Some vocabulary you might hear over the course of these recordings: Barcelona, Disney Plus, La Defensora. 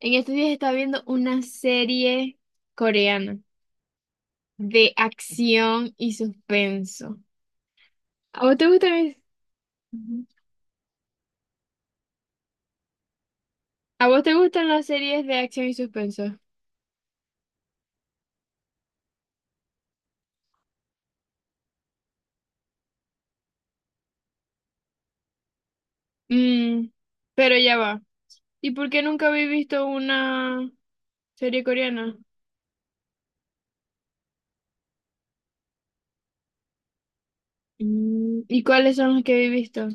En estos días estaba viendo una serie coreana de acción y suspenso. ¿A vos te gustan, es- Ujú. ¿A vos te gustan las series de acción y suspenso? Mm, pero ya va. ¿Y por qué nunca habéis visto una serie coreana? Mm, ¿y cuáles son las que habéis visto?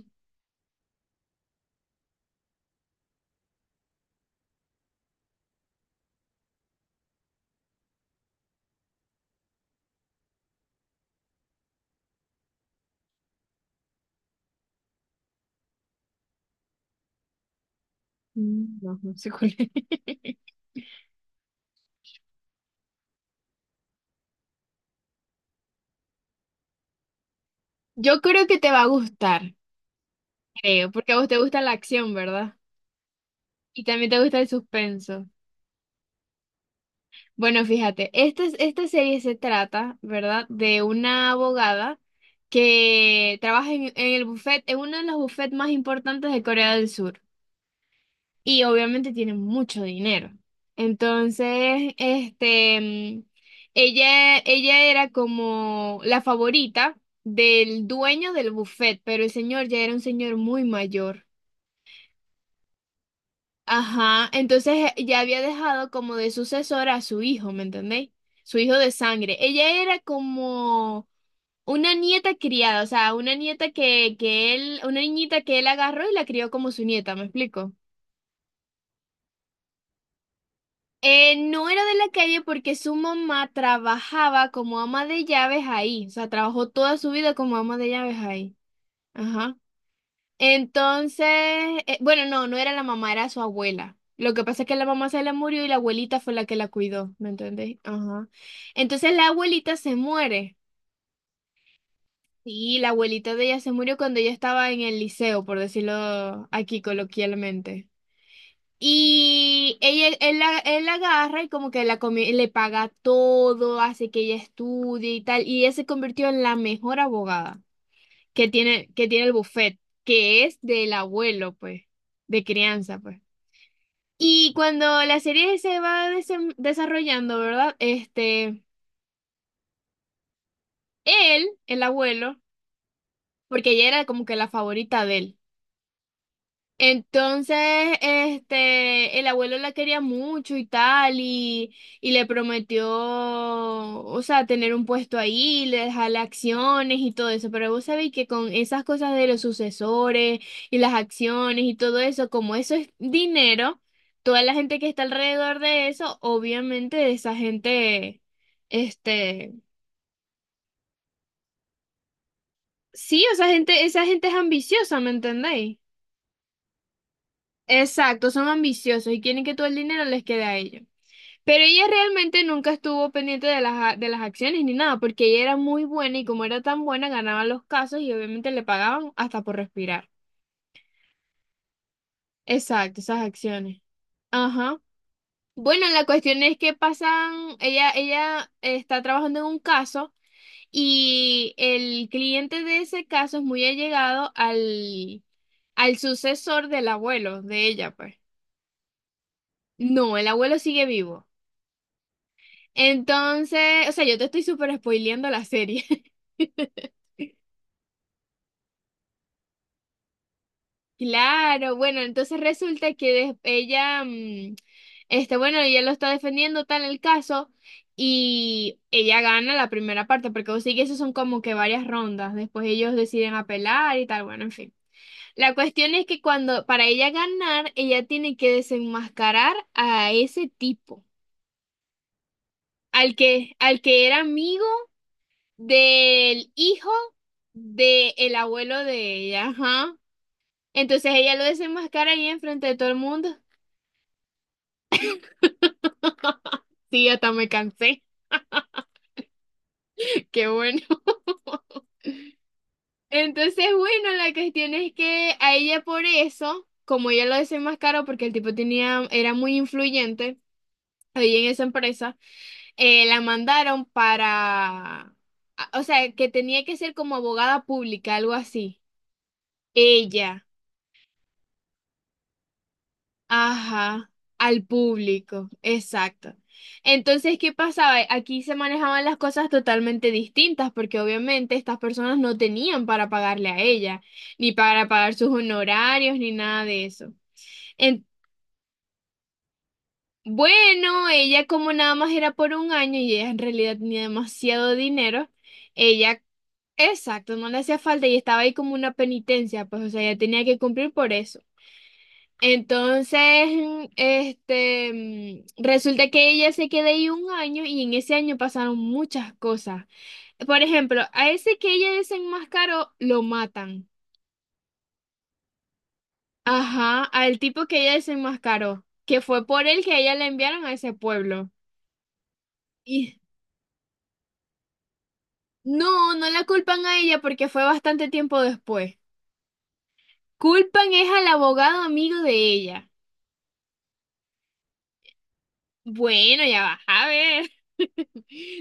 Mm, no, no sé cuál es. Yo creo que te va a gustar, creo, porque a vos te gusta la acción, ¿verdad? Y también te gusta el suspenso. Bueno, fíjate, esta serie se trata, ¿verdad?, de una abogada que trabaja en el buffet, en uno de los bufetes más importantes de Corea del Sur. Y obviamente tiene mucho dinero. Entonces, ella era como la favorita del dueño del buffet, pero el señor ya era un señor muy mayor. Ajá, entonces ya había dejado como de sucesor a su hijo, ¿me entendéis? Su hijo de sangre. Ella era como una nieta criada, o sea, una nieta que él, una niñita que él agarró y la crió como su nieta, ¿me explico? No era de la calle porque su mamá trabajaba como ama de llaves ahí, o sea, trabajó toda su vida como ama de llaves ahí. Ajá. Entonces, bueno, no, no era la mamá, era su abuela. Lo que pasa es que la mamá se le murió y la abuelita fue la que la cuidó, ¿me entendés? Ajá. Entonces la abuelita se muere. Y la abuelita de ella se murió cuando ella estaba en el liceo, por decirlo aquí coloquialmente. Y ella, él la agarra y como que la le paga todo, hace que ella estudie y tal. Y ella se convirtió en la mejor abogada que tiene el buffet, que es del abuelo, pues, de crianza, pues. Y cuando la serie se va desarrollando, ¿verdad? Este, él, el abuelo, porque ella era como que la favorita de él. Entonces, este, el abuelo la quería mucho y tal, y le prometió, o sea, tener un puesto ahí, le dejarle acciones y todo eso, pero vos sabéis que con esas cosas de los sucesores y las acciones y todo eso, como eso es dinero, toda la gente que está alrededor de eso, obviamente esa gente, este, sí, o sea gente, esa gente es ambiciosa, ¿me entendéis? Exacto, son ambiciosos y quieren que todo el dinero les quede a ellos. Pero ella realmente nunca estuvo pendiente de las, de las acciones ni nada, porque ella era muy buena y como era tan buena ganaba los casos y obviamente le pagaban hasta por respirar. Exacto, esas acciones. Ajá. Bueno, la cuestión es que pasan, ella está trabajando en un caso y el cliente de ese caso es muy allegado al, al sucesor del abuelo de ella, pues. No, el abuelo sigue vivo. Entonces, o sea, yo te estoy súper spoileando la serie. Claro, bueno, entonces resulta que ella, bueno, ella lo está defendiendo tal el caso y ella gana la primera parte, porque vos sí que eso son como que varias rondas, después ellos deciden apelar y tal, bueno, en fin. La cuestión es que cuando, para ella ganar, ella tiene que desenmascarar a ese tipo, al que era amigo del hijo del abuelo de ella, ajá. Entonces ella lo desenmascara ahí enfrente de todo el mundo. Sí, hasta me cansé. Qué bueno. Entonces, bueno, la cuestión es que a ella por eso, como ella lo desenmascaró porque el tipo tenía, era muy influyente ahí en esa empresa, la mandaron para, o sea, que tenía que ser como abogada pública, algo así. Ella. Ajá, al público, exacto. Entonces, ¿qué pasaba? Aquí se manejaban las cosas totalmente distintas porque obviamente estas personas no tenían para pagarle a ella, ni para pagar sus honorarios, ni nada de eso. En- bueno, ella como nada más era por un año y ella en realidad tenía demasiado dinero, ella, exacto, no le hacía falta y estaba ahí como una penitencia, pues o sea, ella tenía que cumplir por eso. Entonces, mm, este, resulta que ella se quedó ahí un año y en ese año pasaron muchas cosas. Por ejemplo, a ese que ella desenmascaró, lo matan. Ajá, al tipo que ella desenmascaró, que fue por él que a ella la enviaron a ese pueblo. Y no, no la culpan a ella porque fue bastante tiempo después. Culpan es al abogado amigo de ella. Bueno, ya va a ver.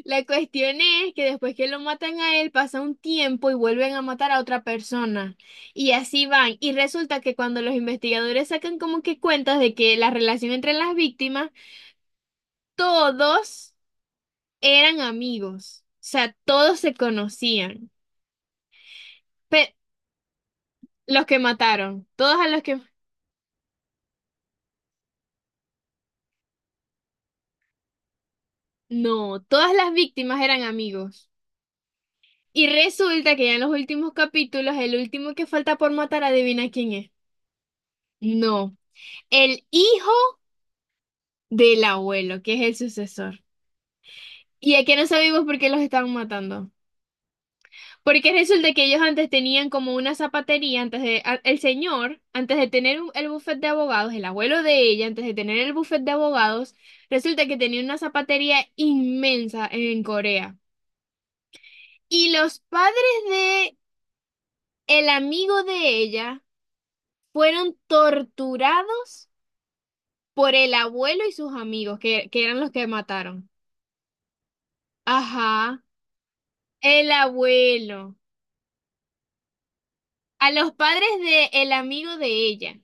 La cuestión es que después que lo matan a él, pasa un tiempo y vuelven a matar a otra persona. Y así van. Y resulta que cuando los investigadores sacan como que cuentas de que la relación entre las víctimas, todos eran amigos. O sea, todos se conocían. Pe- los que mataron, todos a los que... No, todas las víctimas eran amigos. Y resulta que ya en los últimos capítulos, el último que falta por matar, adivina quién es. No. El hijo del abuelo, que es el sucesor. Y es que no sabemos por qué los estaban matando. Porque resulta que ellos antes tenían como una zapatería, antes de, el señor, antes de tener el bufete de abogados, el abuelo de ella, antes de tener el bufete de abogados, resulta que tenía una zapatería inmensa en Corea. Y los padres de el amigo de ella fueron torturados por el abuelo y sus amigos, que eran los que mataron. Ajá, el abuelo. A los padres de el amigo de ella.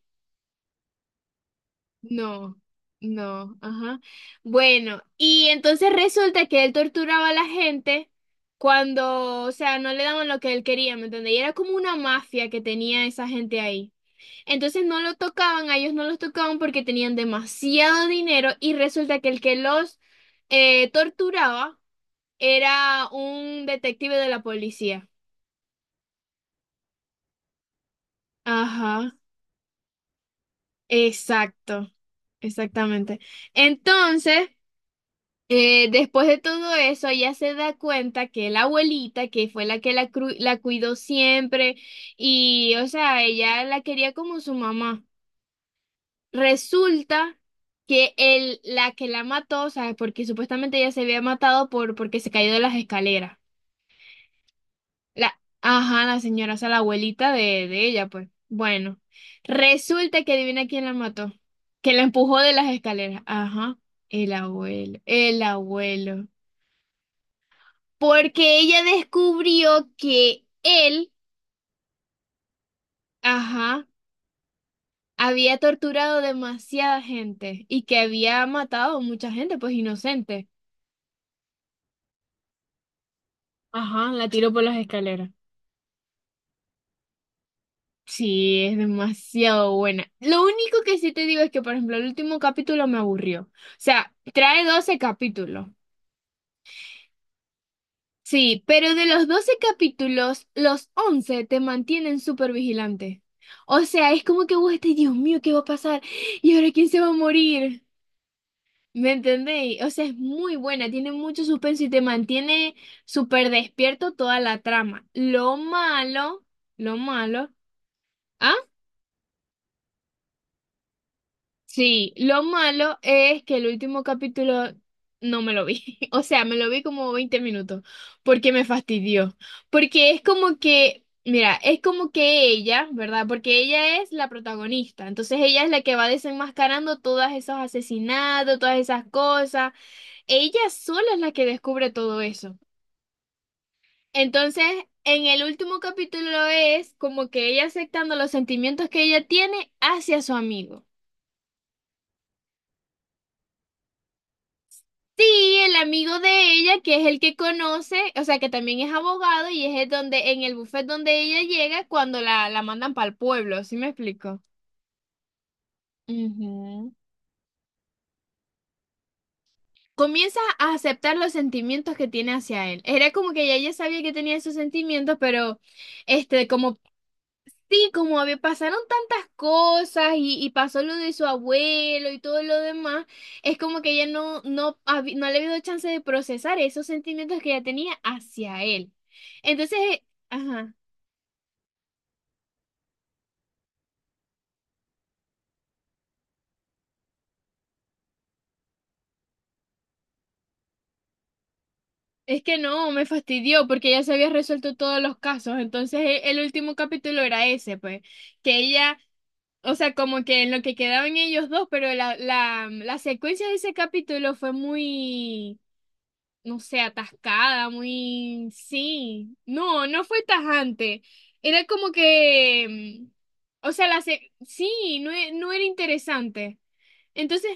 No, no, ajá. Bueno, y entonces resulta que él torturaba a la gente cuando, o sea, no le daban lo que él quería, ¿me entiendes? Y era como una mafia que tenía esa gente ahí. Entonces no lo tocaban, a ellos no los tocaban porque tenían demasiado dinero y resulta que el que los torturaba era un detective de la policía. Ajá. Exacto, exactamente. Entonces, después de todo eso, ella se da cuenta que la abuelita, que fue la que la, la cuidó siempre, y, o sea, ella la quería como su mamá. Resulta que el, la que la mató, o sea, porque supuestamente ella se había matado por, porque se cayó de las escaleras. La, ajá, la señora, o sea, la abuelita de ella, pues. Bueno, resulta que adivina quién la mató, que la empujó de las escaleras. Ajá, el abuelo, el abuelo. Porque ella descubrió que él, ajá, había torturado demasiada gente y que había matado mucha gente, pues inocente. Ajá, la tiró por las escaleras. Sí, es demasiado buena. Lo único que sí te digo es que, por ejemplo, el último capítulo me aburrió. O sea, trae 12 capítulos. Sí, pero de los 12 capítulos, los 11 te mantienen súper vigilante. O sea, es como que vos estás, Dios mío, ¿qué va a pasar? ¿Y ahora quién se va a morir? ¿Me entendéis? O sea, es muy buena, tiene mucho suspenso y te mantiene súper despierto toda la trama. Lo malo, lo malo. Sí, lo malo es que el último capítulo no me lo vi. O sea, me lo vi como 20 minutos porque me fastidió. Porque es como que, mira, es como que ella, ¿verdad? Porque ella es la protagonista. Entonces ella es la que va desenmascarando todos esos asesinatos, todas esas cosas. Ella sola es la que descubre todo eso. Entonces, en el último capítulo es como que ella aceptando los sentimientos que ella tiene hacia su amigo. Sí, el amigo de ella, que es el que conoce, o sea, que también es abogado y es el donde, en el buffet donde ella llega cuando la mandan para el pueblo, ¿sí me explico? Ujú. Comienza a aceptar los sentimientos que tiene hacia él. Era como que ya ella sabía que tenía esos sentimientos, pero como Sí, como había, pasaron tantas cosas y pasó lo de su abuelo y todo lo demás, es como que ella no, no, no le había dado chance de procesar esos sentimientos que ella tenía hacia él. Entonces, ajá, es que no, me fastidió porque ya se había resuelto todos los casos. Entonces, el último capítulo era ese, pues, que ella, o sea, como que en lo que quedaban ellos dos, pero la secuencia de ese capítulo fue muy... no sé, atascada, muy... Sí, no, no fue tajante. Era como que... O sea, la sí, no, no era interesante. Entonces,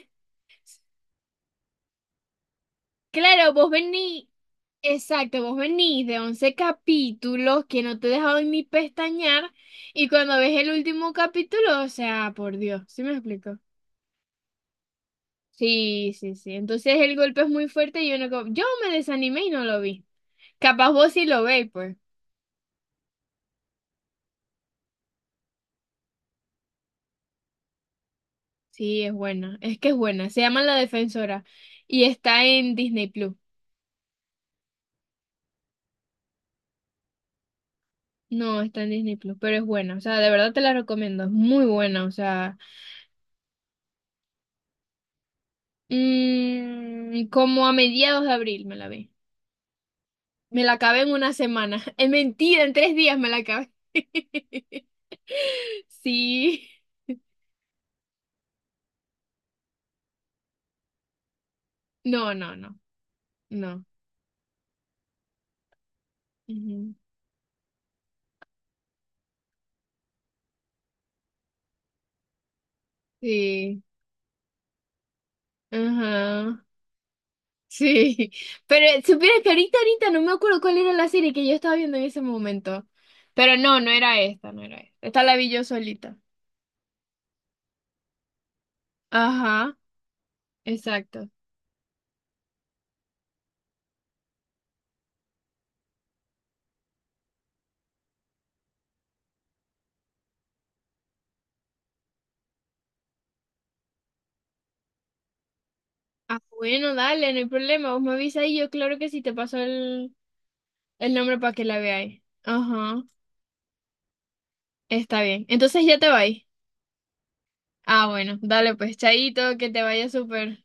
claro, vos venís... Exacto, vos venís de 11 capítulos que no te dejaban ni pestañear y cuando ves el último capítulo, o sea, por Dios, ¿sí me explico? Sí, sí, sí. Entonces el golpe es muy fuerte y yo no... Yo me desanimé y no lo vi. Capaz vos sí lo veis, pues. Sí, es buena. Es que es buena. Se llama La Defensora y está en Disney Plus. No, está en Disney Plus, pero es buena. O sea, de verdad te la recomiendo. Es muy buena. O sea, como a mediados de abril me la vi. Me la acabé en una semana. Es mentira, en 3 días me la acabé. Sí. No, no, no. No. Ujú. Sí. Ajá. Sí, pero supieras que ahorita, ahorita no me acuerdo cuál era la serie que yo estaba viendo en ese momento. Pero no, no era esta, no era esta. Esta la vi yo solita. Ajá, exacto. Ah, bueno, dale, no hay problema. Vos me avisas y yo claro que sí te paso el nombre para que la veáis. Ajá, está bien. Entonces ya te vais. Ah, bueno, dale pues, chaito, que te vaya súper.